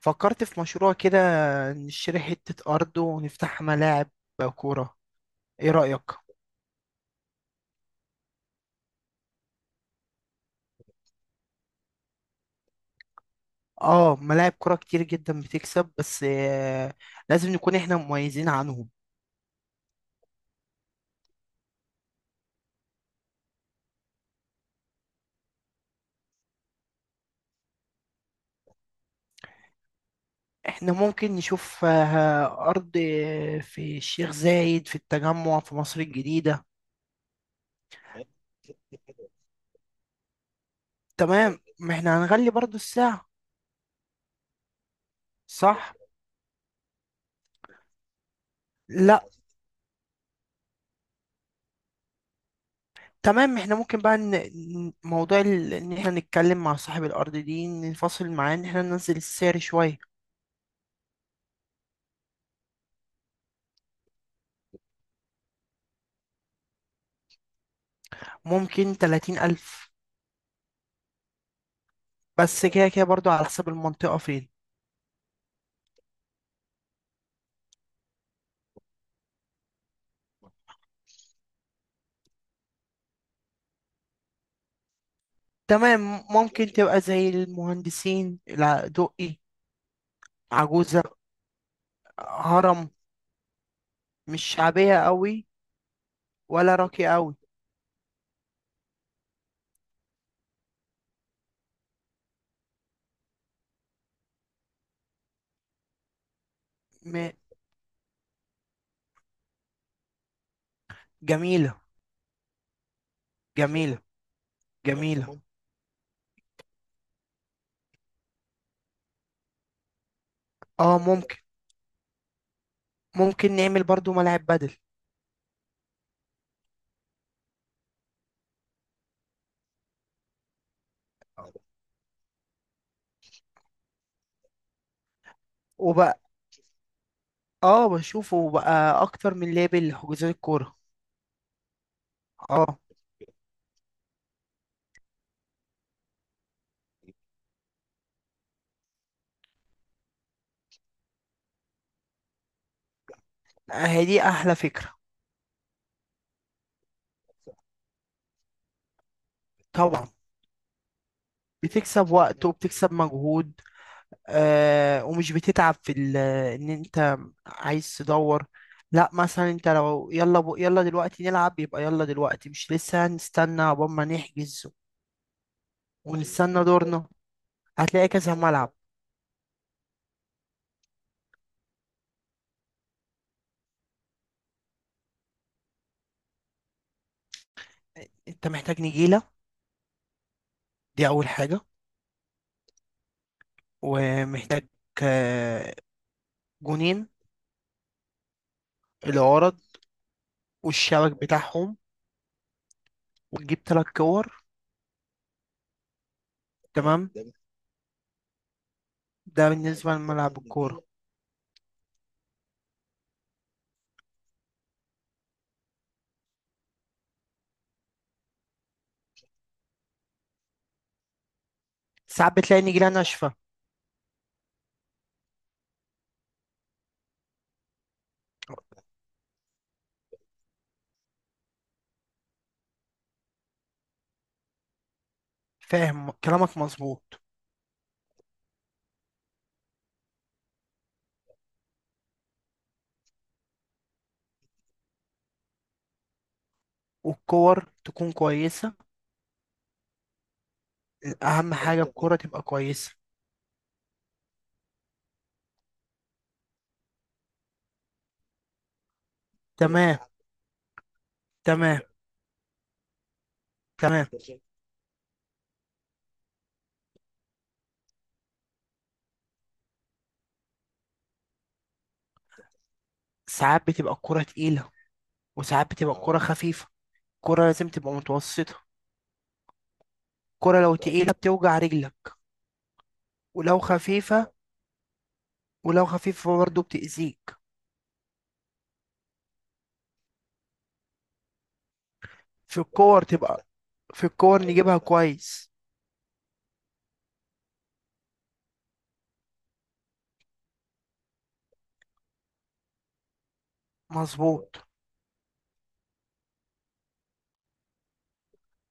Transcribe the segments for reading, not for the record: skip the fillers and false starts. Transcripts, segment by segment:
فكرت في مشروع كده. نشتري حتة أرض ونفتح ملاعب كورة. إيه رأيك؟ آه، ملاعب كورة كتير جدا بتكسب، بس لازم نكون إحنا مميزين عنهم. إحنا ممكن نشوف أرض في الشيخ زايد، في التجمع، في مصر الجديدة. تمام، ما إحنا هنغلي برضو الساعة. صح؟ لا، تمام. إحنا ممكن بقى إن إحنا نتكلم مع صاحب الأرض دي، ننفصل معاه إن إحنا ننزل السعر شوية. ممكن 30000. بس كده كده برضو على حسب المنطقة فين. تمام، ممكن تبقى زي المهندسين، لا دقي، عجوزة، هرم. مش شعبية قوي ولا راقية قوي. م... جميلة، جميلة، جميلة. ممكن. اه ممكن، ممكن نعمل برضو ملاعب بدل. وبقى اه، بشوفه بقى اكتر من لابل لحجوزات الكورة. اه، هي دي احلى فكرة. طبعا، بتكسب وقت وبتكسب مجهود. آه، ومش بتتعب ان انت عايز تدور. لا، مثلا انت لو يلا دلوقتي نلعب، يبقى يلا دلوقتي. مش لسه هنستنى عقبال ما نحجز، ايوه، ونستنى دورنا. هتلاقي كذا ملعب. انت محتاج نجيلة، دي اول حاجة. ومحتاج آه، جونين، العرض والشبك بتاعهم، وتجيب تلات كور. تمام. ده بالنسبة لملعب الكورة. ساعات بتلاقي نجيلة ناشفة. فاهم كلامك، مظبوط. والكور تكون كويسة. اهم حاجه الكوره تبقى كويسه. تمام، تمام، تمام. ساعات بتبقى الكوره تقيله، وساعات بتبقى الكوره خفيفه. الكوره لازم تبقى متوسطه. الكوره لو تقيله بتوجع رجلك، ولو خفيفه ولو خفيفه برضه بتأذيك. في الكور تبقى في الكور نجيبها كويس. مظبوط.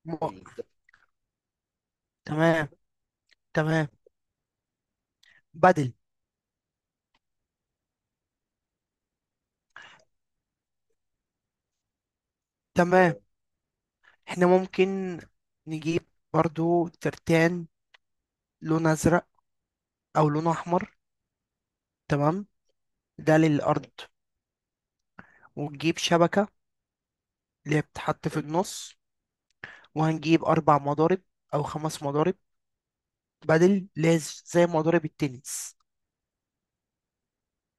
م... تمام، تمام، بدل. تمام، احنا ممكن نجيب برضو ترتان، لون ازرق او لون احمر. تمام. ده للارض. ونجيب شبكة، اللي هي بتتحط في النص. وهنجيب أربع مضارب أو خمس مضارب بدل، زي مضارب التنس.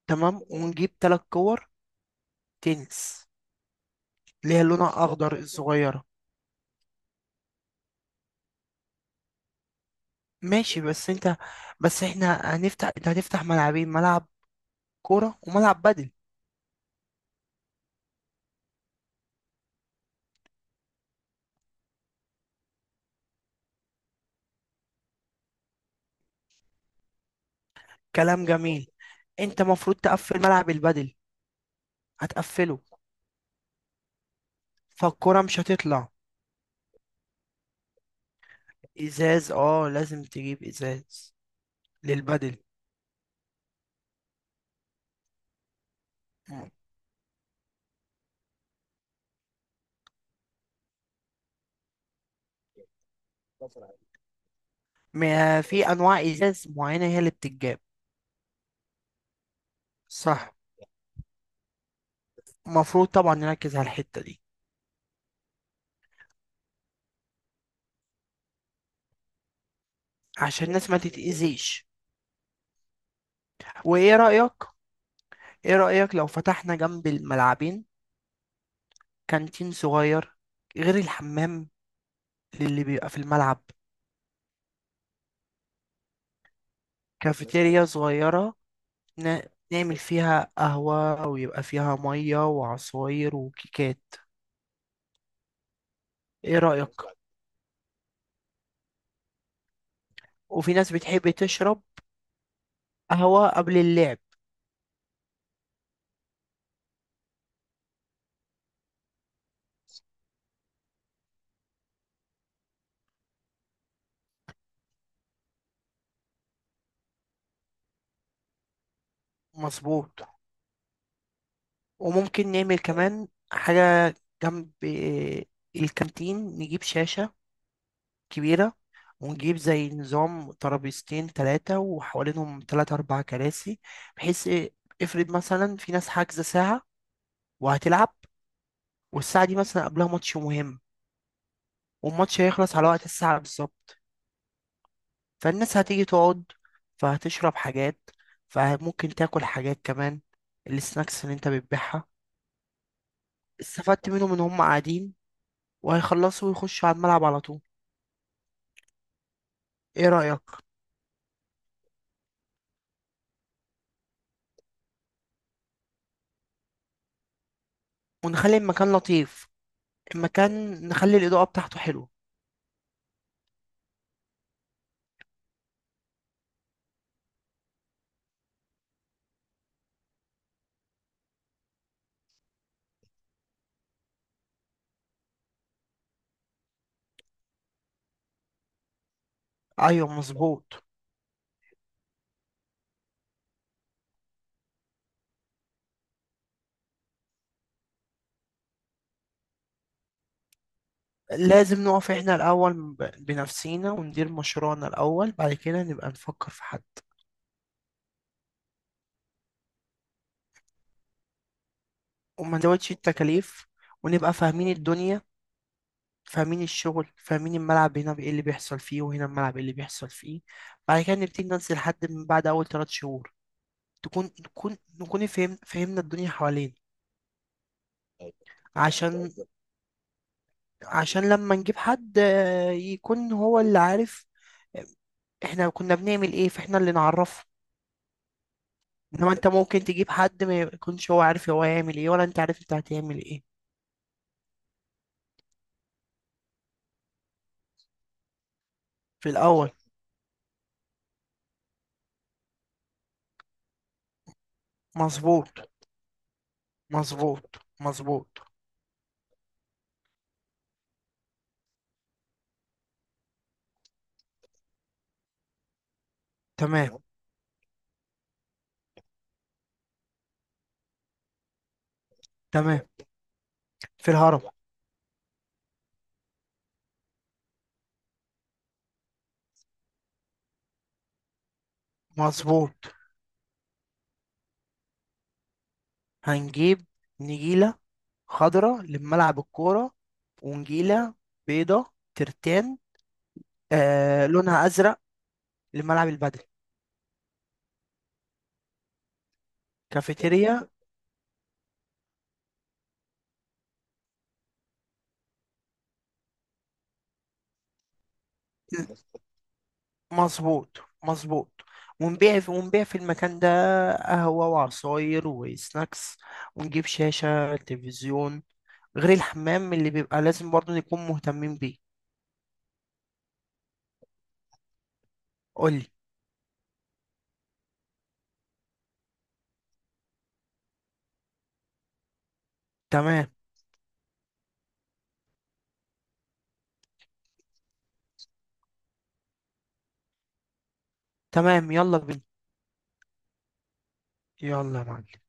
تمام، ونجيب تلات كور تنس، اللي هي لونها أخضر، الصغيرة. ماشي، بس أنت، بس إحنا هنفتح، أنت هتفتح ملعبين: ملعب كورة وملعب بدل. كلام جميل. أنت مفروض تقفل ملعب البدل، هتقفله، فالكورة مش هتطلع. إزاز، اه لازم تجيب إزاز للبدل. ما في انواع ازاز معينه هي اللي بتتجاب. صح، المفروض طبعا نركز على الحتة دي. عشان الناس ما تتأذيش. وإيه رأيك؟ إيه رأيك لو فتحنا جنب الملعبين كانتين صغير، غير الحمام اللي بيبقى في الملعب. كافيتيريا صغيرة. ن... نعمل فيها قهوة، ويبقى فيها مية وعصاير وكيكات. إيه رأيك؟ وفي ناس بتحب تشرب قهوة قبل اللعب. مظبوط. وممكن نعمل كمان حاجة جنب الكانتين، نجيب شاشة كبيرة، ونجيب زي نظام ترابيزتين تلاتة، وحوالينهم تلاتة أربع كراسي. بحيث إيه؟ افرض مثلا في ناس حاجزة ساعة وهتلعب، والساعة دي مثلا قبلها ماتش مهم، والماتش هيخلص على وقت الساعة بالظبط. فالناس هتيجي تقعد، فهتشرب حاجات، فممكن تاكل حاجات كمان، السناكس اللي انت بتبيعها. استفدت منهم ان هم قاعدين وهيخلصوا ويخشوا على الملعب على طول. ايه رأيك؟ ونخلي المكان لطيف، المكان، نخلي الإضاءة بتاعته حلوة. ايوه، مظبوط. لازم نقف احنا الاول بنفسينا وندير مشروعنا الاول، بعد كده نبقى نفكر في حد. وما نزودش التكاليف، ونبقى فاهمين الدنيا، فاهمين الشغل، فاهمين الملعب هنا ايه اللي بيحصل فيه، وهنا الملعب ايه اللي بيحصل فيه. بعد كده نبتدي ننزل حد من بعد اول 3 شهور، تكون نكون نكون فهم فهمنا الدنيا حوالين. عشان عشان لما نجيب حد يكون هو اللي عارف احنا كنا بنعمل ايه، فاحنا اللي نعرفه. انما انت ممكن تجيب حد ما يكونش هو عارف هو هيعمل ايه، ولا انت عارف انت هتعمل ايه في الاول. مظبوط، مظبوط، مظبوط. تمام، تمام. في الهرم. مظبوط. هنجيب نجيلة خضراء لملعب الكورة. ونجيلة بيضة ترتان، آه لونها أزرق، لملعب البدل. كافيتيريا. مظبوط، مظبوط. ونبيع في المكان ده قهوة وعصاير وسناكس. ونجيب شاشة تلفزيون. غير الحمام، اللي بيبقى لازم برضه نكون مهتمين بيه. قولي. تمام، تمام، يلا بينا. يلا يا معلم.